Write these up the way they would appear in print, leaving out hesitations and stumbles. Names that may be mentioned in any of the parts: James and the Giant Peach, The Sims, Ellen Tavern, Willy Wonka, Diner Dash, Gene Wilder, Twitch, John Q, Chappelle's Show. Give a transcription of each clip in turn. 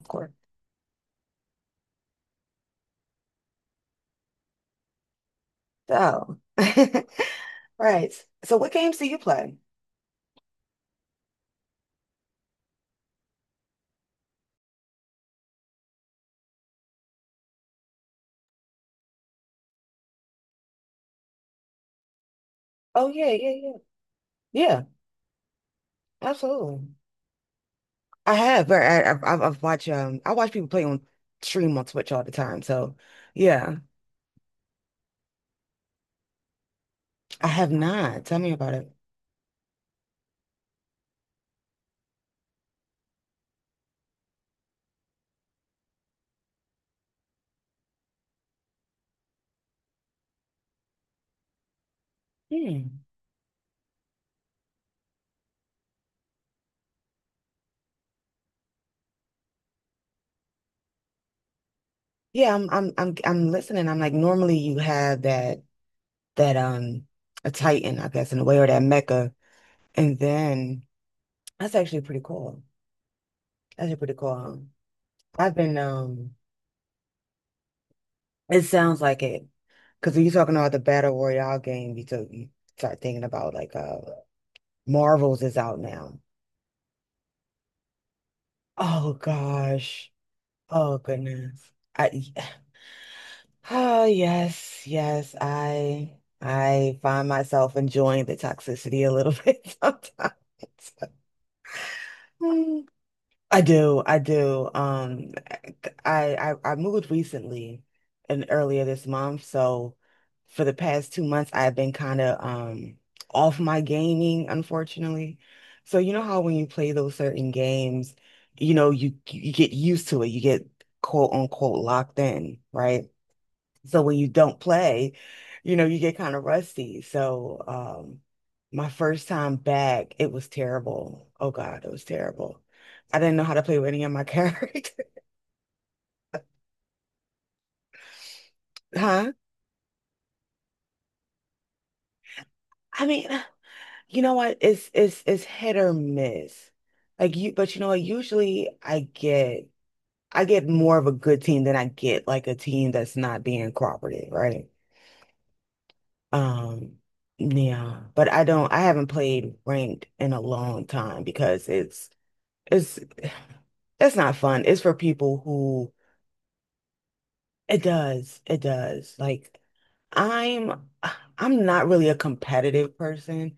Of course. So, right. So, what games do you play? Oh yeah, yeah, yeah, yeah. Absolutely. I have, but I've watched I watch people play on stream on Twitch all the time. So, yeah, I have not. Tell me about it. Hmm. Yeah, I'm listening. I'm like normally you have that a Titan, I guess, in a way, or that Mecca, and then that's actually pretty cool. That's actually pretty cool. I've been. It sounds like it. Because when you're talking about the Battle Royale game, you start thinking about like Marvel's is out now. Oh gosh. Oh goodness. I oh yes, yes. I find myself enjoying the toxicity a little bit sometimes. I do, I do. I, I moved recently and earlier this month, so for the past 2 months I've been kind of off my gaming, unfortunately. So you know how when you play those certain games, you know, you get used to it. You get quote unquote locked in, right? So when you don't play, you know, you get kind of rusty. So my first time back, it was terrible. Oh God, it was terrible. I didn't know how to play with any of my characters. Huh? I mean, you know what? It's hit or miss. Like you, but you know what? Usually I get more of a good team than I get like a team that's not being cooperative, right? Um, yeah. But I haven't played ranked in a long time because it's that's not fun. It's for people who it does. It does. Like I'm I'm not really a competitive person.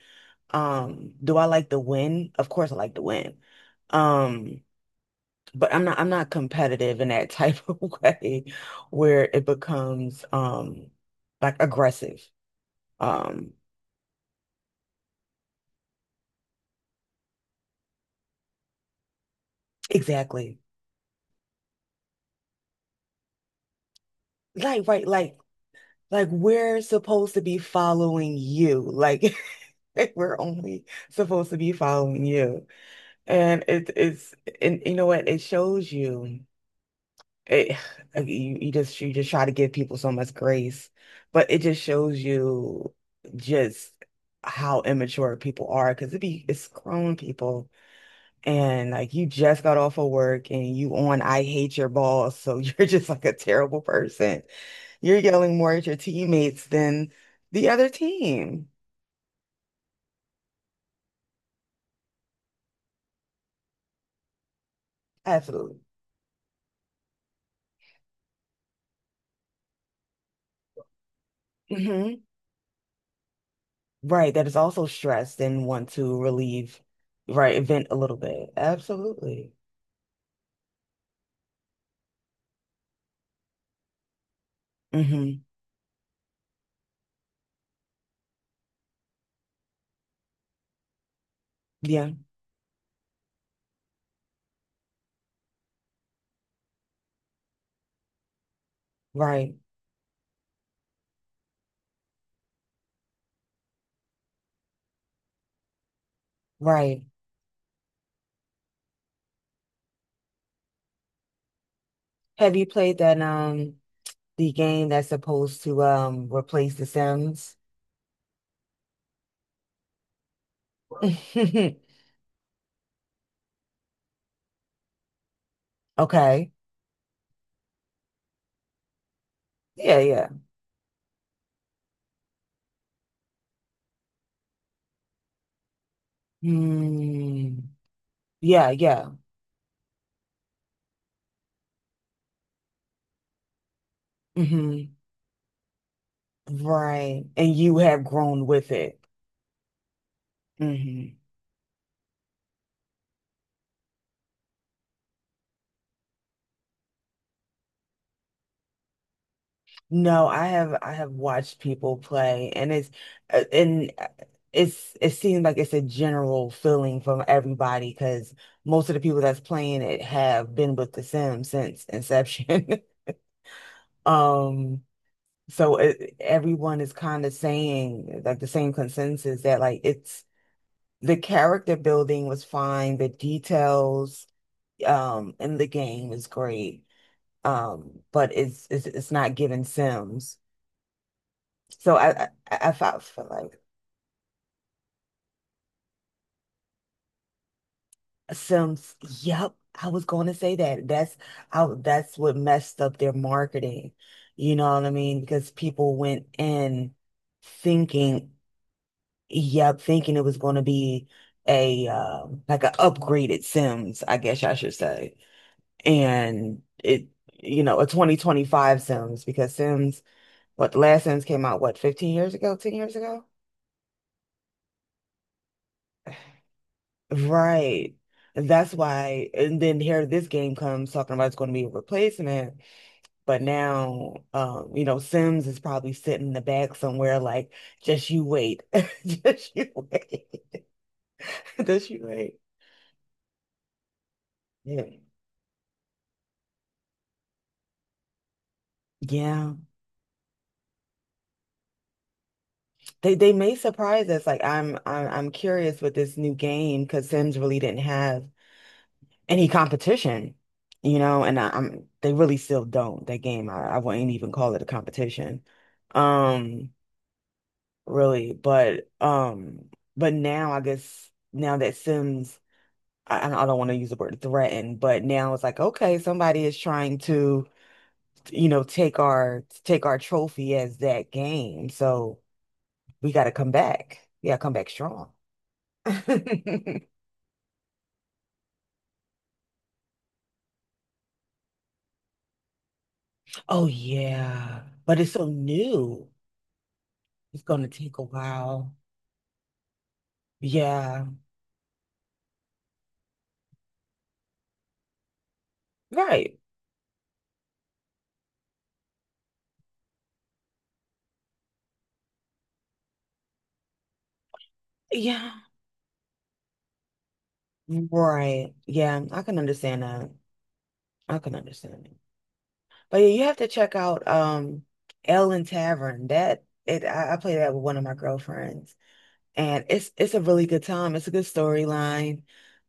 Do I like to win? Of course I like to win. Um, but I'm not competitive in that type of way where it becomes like aggressive. Um, exactly. Like right, like we're supposed to be following you. Like Like we're only supposed to be following you. And it it's and you know what? It shows you it like, you, you just try to give people so much grace, but it just shows you just how immature people are because it's grown people and like you just got off of work and you on I hate your boss, so you're just like a terrible person. You're yelling more at your teammates than the other team. Absolutely. Mm-hmm. Right, that is also stressed and want to relieve, right, vent a little bit. Absolutely. Hmm Yeah, right, right. Have you played that the game that's supposed to replace The Sims? Okay. Yeah, yeah. Hmm. Yeah, yeah. hmm Right. And you have grown with it. Hmm. No, I have watched people play and uh, and uh, it's it seems like it's a general feeling from everybody because most of the people that's playing it have been with The Sims since inception. Um, so it, everyone is kind of saying like the same consensus that like it's the character building was fine, the details in the game is great. But it's not giving Sims. So I, I felt for like Sims. Yep, I was going to say that. That's how. That's what messed up their marketing. You know what I mean? Because people went in thinking, yep, thinking it was going to be a like an upgraded Sims, I guess I should say, and it, you know, a 2025 Sims because Sims, what the last Sims came out, what, 15 years ago, 10 years ago? Right. And that's why, and then here this game comes talking about it's going to be a replacement, but now, you know, Sims is probably sitting in the back somewhere, like, just you wait, just you wait, just you wait. Yeah, yeah. They may surprise us. Like, I'm curious with this new game because Sims really didn't have any competition, you know, I'm they really still don't. I wouldn't even call it a competition. Um. Really. But now I guess now that I don't want to use the word threaten, but now it's like, okay, somebody is trying to, you know, take our trophy as that game. So we got to come back. Yeah, come back strong. Oh yeah, but it's so new. It's gonna take a while. Yeah, right. Yeah, right. Yeah, I can understand that. I can understand But yeah, you have to check out Ellen Tavern. I play that with one of my girlfriends and it's a really good time. It's a good storyline.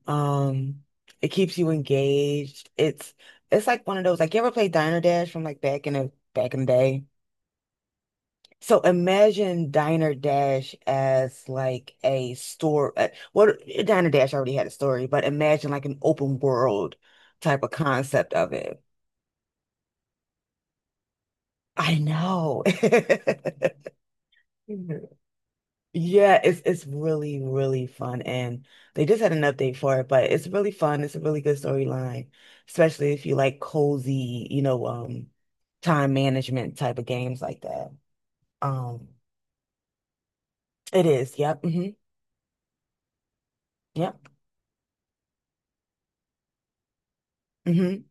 Um, it keeps you engaged. It's like one of those like you ever play Diner Dash from like back in the day? So imagine Diner Dash as like a store. Diner Dash already had a story, but imagine like an open world type of concept of it. I know. Yeah, it's really, really fun. And they just had an update for it, but it's really fun. It's a really good storyline, especially if you like cozy, you know, time management type of games like that. Um, it is. Yep. hmm Yep. hmm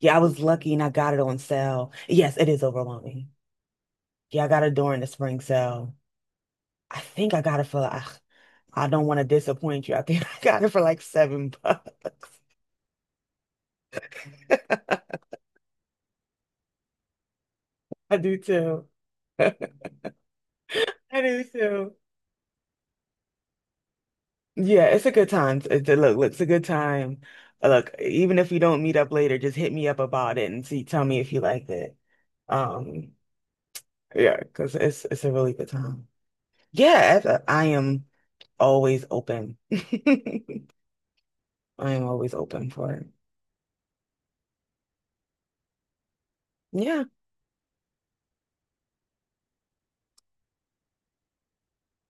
Yeah, I was lucky and I got it on sale. Yes, it is overwhelming. Yeah, I got it during the spring sale. I think I got it for, I don't want to disappoint you. I think I got it for like $7. I do too. I do too. Yeah, it's a good time. Look, look, it's a good time. Look, even if we don't meet up later, just hit me up about it and see, tell me if you liked it. Um, yeah, because it's a really good time. I am always open. I am always open for it. Yeah.